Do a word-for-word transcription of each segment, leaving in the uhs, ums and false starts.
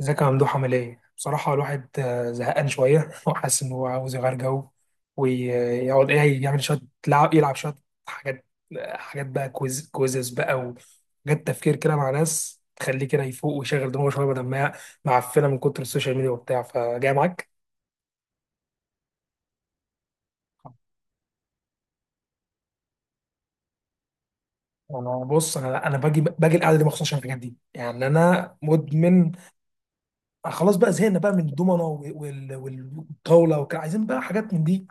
ازيك يا ممدوح، عامل ايه؟ بصراحة الواحد آه، زهقان شوية. وحاسس إن هو عاوز يغير جو ويقعد ايه يعمل شوية لعب يلعب شوية حاجات. آه، حاجات بقى كويز كويزز بقى، وحاجات تفكير كده مع ناس تخليه كده يفوق ويشغل دماغه شوية بدل ما هي معفنة من كتر السوشيال ميديا وبتاع. فجاي معاك؟ انا بص، انا انا باجي باجي القعده دي مخصوص عشان الحاجات دي، يعني انا مدمن. خلاص بقى، زهقنا بقى من الدومنه وال- وال- والطاوله وكده، عايزين بقى حاجات من دي.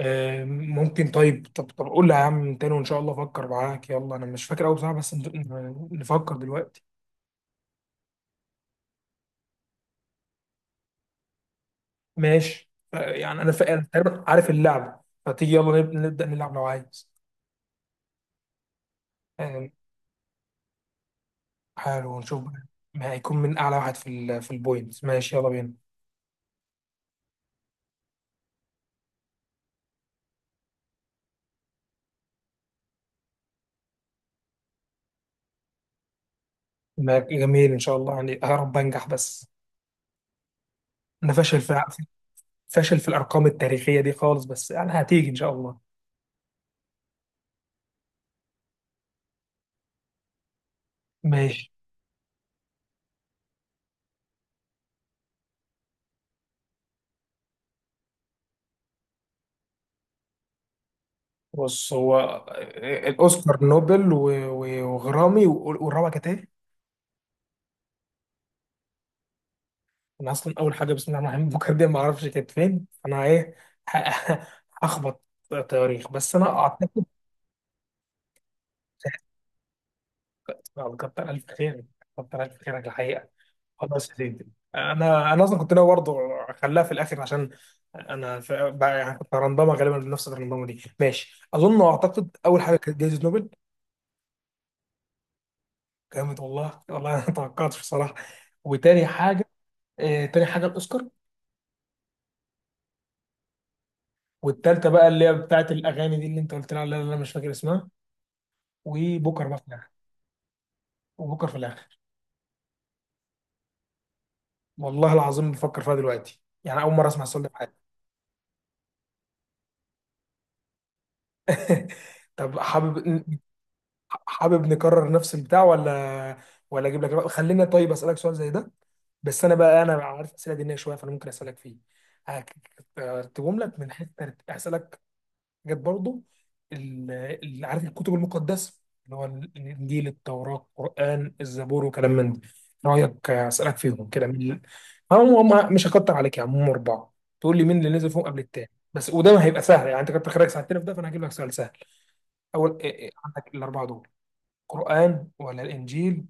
آه، ممكن. طيب طب طب قول لي يا عم تاني، وان شاء الله افكر معاك. يلا، انا مش فاكر قوي بصراحه، بس ن- نفكر دلوقتي. ماشي، ف- يعني انا فا- أنا تقريبا عارف اللعبه، فتيجي يلا نب- نبدا نلعب لو عايز. آه، حلو، ونشوف بقى ما هيكون من اعلى واحد في ال في البوينتس. ماشي يلا بينا. ما- جميل، ان شاء الله، يعني يا رب انجح بس. انا فاشل في فاشل في الارقام التاريخيه دي خالص، بس يعني هتيجي ان شاء الله. ماشي، بص هو الاوسكار، نوبل، و- و- وغرامي، و- والرابعه كانت ايه؟ انا اصلا اول حاجه، بسم الله الرحمن الرحيم، بكره دي ما اعرفش كانت فين، انا ايه ه- هخبط تواريخ، بس انا اعتقد. آه، كتر الف خير، كتر الف خيرك الحقيقه. خلاص يا سيدي، انا انا اصلا كنت ناوي برضه اخليها في الاخر، عشان انا ف- بقى، يعني كنت رندمه غالبا بنفس الرندمه دي. ماشي، اظن واعتقد اول حاجه كانت جائزه نوبل. جامد، والله والله انا ما توقعتش بصراحه. وتاني حاجه آه، تاني حاجه الاوسكار. والتالتة بقى اللي هي بتاعت الأغاني دي، اللي أنت قلت لها، اللي أنا مش فاكر اسمها. وبكر بقى في الآخر وبكر في الآخر. والله العظيم بفكر فيها دلوقتي، يعني أول مرة أسمع السؤال ده في حياتي. طب حابب، حابب نكرر نفس البتاع، ولا ولا أجيب لك؟ خلينا طيب أسألك سؤال زي ده، بس أنا بقى، أنا عارف أسئلة دينية شوية، فأنا ممكن أسألك فيه. هكتبهم لك من حتة أسألك. جت برضه. ال- ال- عارف الكتب المقدسه، اللي هو ال- الانجيل، التوراه، القران، الزبور، وكلام من ده. رايك اسالك فيهم كده مين اللي هم هم مش هكتر عليك يا عم، هم اربعه. تقول لي مين اللي نزل فيهم قبل التاني بس، وده ما هيبقى سهل، يعني انت كنت خارج ساعتين في ده، فانا هجيب لك سؤال سهل. اول إيه إيه عندك الاربعه دول، قران ولا الانجيل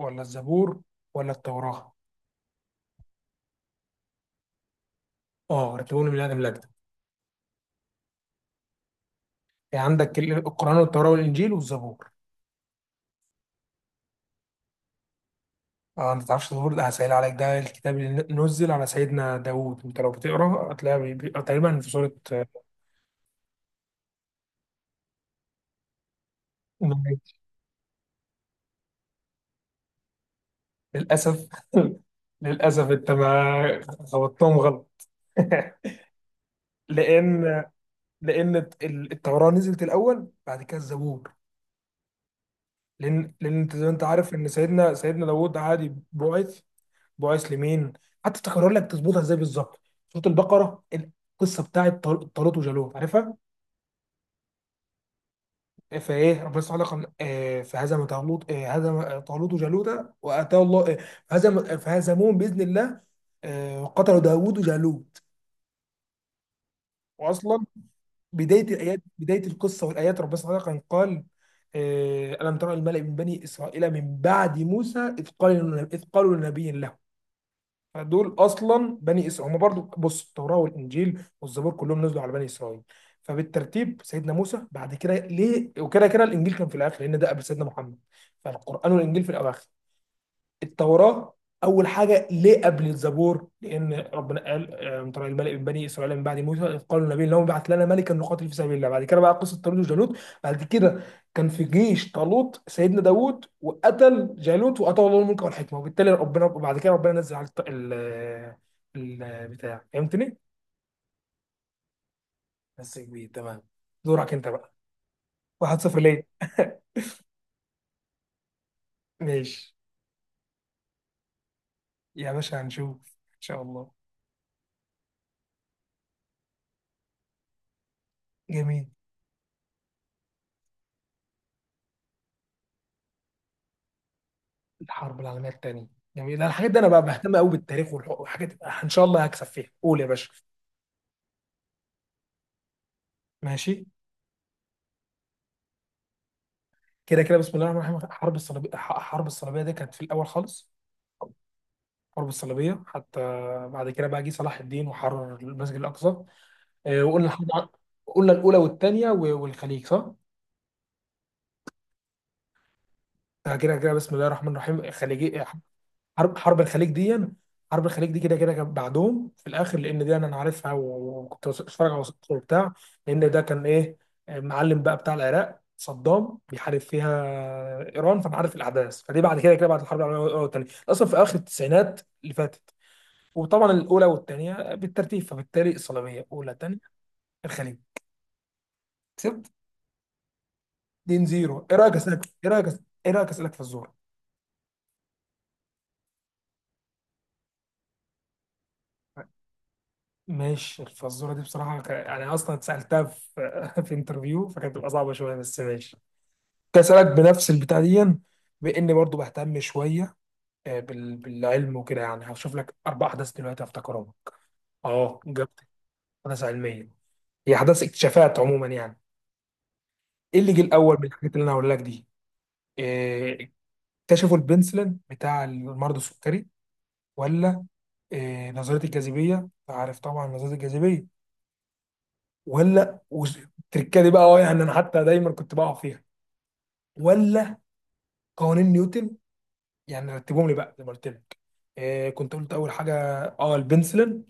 ولا الزبور ولا التوراه. اه رتبهم لي من ادم لأجدع. يعني عندك ال- القران والتوراه والانجيل والزبور. اه، انت تعرفش الزبور ده؟ هسهل عليك، ده الكتاب اللي نزل على سيدنا داوود، انت لو بتقرا هتلاقيها بي- بي- تقريبا في سورة آه، النمل. للأسف. للأسف انت ما خبطتهم غلط. لأن لأن ال- التوراة نزلت الأول، بعد كده الزبور، لأن لأن انت زي ما انت عارف إن سيدنا سيدنا داوود عادي بعث بعث لمين. حتى تكرر لك تظبطها ازاي بالظبط، سورة البقرة، القصة بتاعت طال- طالوت وجالوت، عارفها؟ فايه ربنا سبحانه وتعالى قال آه، فهزم طالوت آه، هزم طالوت وجالوت، واتاه الله آه، هزم فهزموهم باذن الله، آه، وقتلوا داوود وجالوت. واصلا بدايه الايات، بدايه القصه والايات، ربنا سبحانه وتعالى كان قال آه، الم ترى الملأ من بني اسرائيل من بعد موسى اذ قالوا إذ قالوا لنبي له. فدول اصلا بني اسرائيل، هم برضو، بص، التوراه والانجيل والزبور كلهم نزلوا على بني اسرائيل، فبالترتيب سيدنا موسى، بعد كده ليه، وكده كده الانجيل كان في الاخر، لان ده قبل سيدنا محمد، فالقران والانجيل في الاواخر. التوراة أول حاجة ليه قبل الزبور؟ لأن ربنا قال آه، من طريق الملك من بني إسرائيل من بعد موسى إذ قالوا النبي اللهم ابعث لنا ملكا نقاتل في سبيل الله. بعد كده بقى قصة طالوت وجالوت، بعد كده كان في جيش طالوت سيدنا داوود، وقتل جالوت، وأعطاه الله الملك والحكمة. وبالتالي ربنا، بعد كده ربنا نزل على الط- ال البتاع، فهمتني؟ بس كبير، تمام، دورك أنت بقى، واحد صفر ليه؟ ماشي يا باشا، هنشوف إن شاء الله. جميل، الحرب العالميه الثانيه، جميل، الحاجات دي انا بقى بهتم قوي بالتاريخ والح- والحاجات دي. ان شاء الله هكسب فيها، قول يا باشا. ماشي، كده كده، بسم الله الرحمن الرحيم، حرب الصليبيه، ح- حرب الصليبيه دي كانت في الاول خالص، حرب الصليبيه حتى. بعد كده بقى جه صلاح الدين وحرر المسجد الاقصى. آه، وقلنا الحرب الع- قلنا الاولى والثانيه والخليج، صح. آه، كده كده، بسم الله الرحمن الرحيم، خليجي، حرب حرب الخليج دي حرب الخليج دي كده كده كان بعدهم في الاخر، لان دي انا أنا عارفها، و- وكنت بس- بتفرج على وثائقي وبتاع، لان ده كان ايه، معلم بقى بتاع العراق، صدام بيحارب فيها ايران، فانا عارف الاحداث. فدي بعد كده، كده بعد الحرب العالميه الاولى والثانيه، اصلا في اخر التسعينات اللي فاتت، وطبعا الاولى والثانيه بالترتيب، فبالتالي الصليبيه اولى، ثانيه الخليج. كسبت اتنين صفر. ايه رايك اسالك ايه رايك ايه رايك اسالك في الزور. ماشي الفزورة دي بصراحة ك- يعني أصلا اتسألتها في في انترفيو، فكانت بتبقى صعبة شوية، بس ماشي. كنت أسألك بنفس البتاع دي، بإني برضو بهتم شوية آه، بال- بالعلم وكده، يعني هشوف لك أربع أحداث دلوقتي هفتكرهم. أه جبت، أحداث علمية، هي أحداث اكتشافات عموما يعني. إيه اللي جه الأول من الحاجات اللي أنا هقول لك دي؟ آه، اكتشفوا البنسلين بتاع المرض السكري، ولا آه، نظرية الجاذبية؟ عارف طبعا نظرية الجاذبية، ولا وز- التركه دي بقى، اه يعني انا حتى دايما كنت بقع فيها، ولا قوانين نيوتن؟ يعني رتبهم لي بقى زي ما قلت لك. آه كنت قلت اول حاجه اه البنسلين،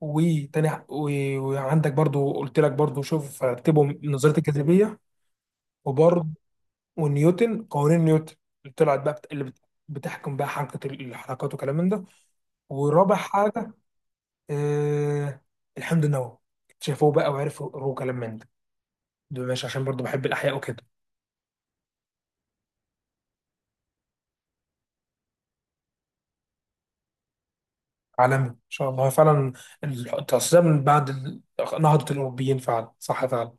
وتاني ح- و- وعندك برضو قلت لك برضو، شوف رتبهم، نظريه الجاذبيه، وبرضو ونيوتن، قوانين نيوتن اللي طلعت بقى بت... اللي بت... بتحكم بقى حركه ال- الحركات وكلام من ده. ورابع حاجه آه الحمض النووي، اكتشفوه بقى وعرفوا كلام من ده. دول، ماشي، عشان برضو بحب الاحياء وكده. عالمي ان شاء الله، فعلا التصدير من بعد ال- نهضة الاوروبيين، فعلا صح فعلا.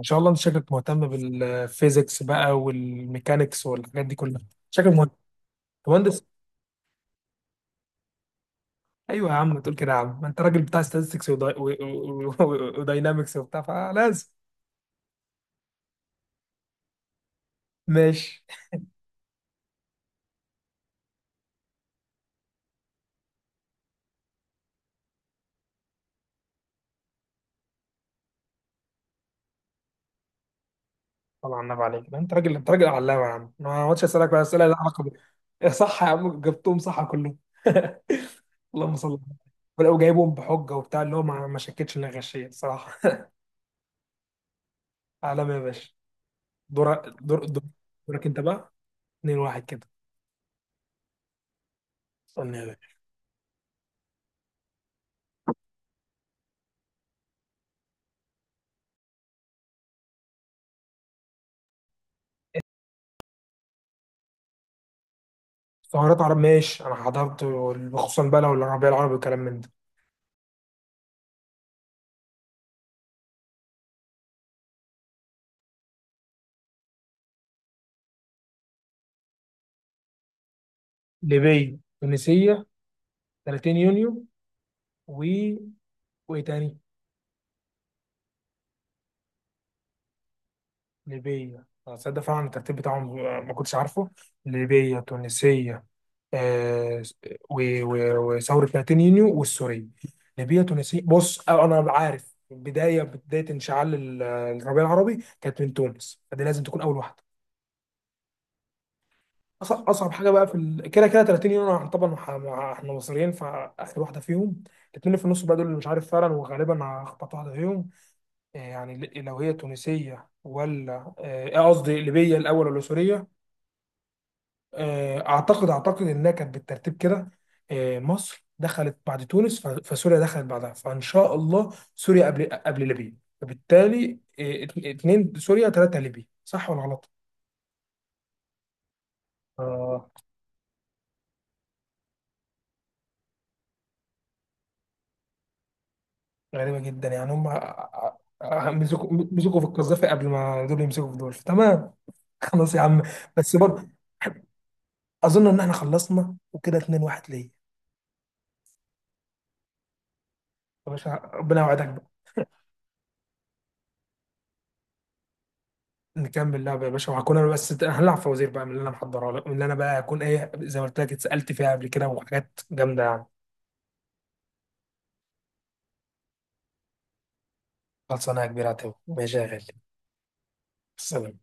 ان شاء الله، انت شكلك مهتم بالفيزيكس بقى والميكانيكس والحاجات دي كلها، شكلك مهندس مهندس. ايوه يا عم، تقول كده يا عم، ما انت راجل بتاع ستاتستكس وداينامكس وبتاع، فلازم. ماشي، طبعا النبي عليك، ده انت راجل، انت راجل علامه يا عم. أنا ما اقعدش اسالك بقى اسئله لها علاقه بال- صح يا عم، جبتهم صح كلهم. اللهم صل على النبي. ولو جايبهم بحجه وبتاع، اللي هو ما ما شكتش ان أنا غشيه، الصراحه. عالمي يا باشا. دور دور دور- دورك انت بقى. اتنين واحد كده. استنى يا باشا. سهرات عرب، ماشي، انا حضرت وال- خصوصا بقى لو الربيع العربي والكلام من ده. ليبيا، تونسية، 30 يونيو، و وايه تاني؟ ليبيا، أنا تصدق فعلا الترتيب بتاعهم ما كنتش عارفه. ليبيا، تونسية، آه، و... و... وثورة 30 يونيو والسورية. ليبيا، تونسية، بص آه، انا عارف بداية بداية انشعال ال- الربيع العربي كانت من تونس، فدي لازم تكون اول واحدة. أص- اصعب حاجه بقى في ال... كده كده ثلاثين يورو، احنا طبعا مع... مع... احنا مصريين فاخر واحده فيهم. الاثنين اللي في النص بقى دول اللي مش عارف فعلا، وغالبا هخبط واحده فيهم. آه، يعني ل- لو هي تونسيه، ولا آه، آه، قصدي ليبيه الاول، ولا سوريه؟ آه، اعتقد اعتقد انها كانت بالترتيب كده. آه، مصر دخلت بعد تونس، ف... فسوريا دخلت بعدها، فان شاء الله سوريا قبل قبل ليبيا، فبالتالي آه، ات- اتنين سوريا، ثلاثه ليبيا، صح ولا غلط؟ غريبة جدا، يعني هم ع- ع- مسكوا مسكوا في القذافي قبل ما دول يمسكوا في دول، تمام. خلاص يا عم، بس برضه أظن إن إحنا خلصنا، وكده اتنين واحد ليا. يا باشا ربنا يوعدك بقى، نكمل لعبة يا باشا، وهكون أنا بس ت- هنلعب فوازير بقى من اللي أنا محضرها لك، من اللي أنا بقى هكون إيه زي ما قلت لك، اتسألت فيها قبل كده، وحاجات جامدة يعني. خلصانة يا كبير عتاوي، ماشي يا غالي، سلام.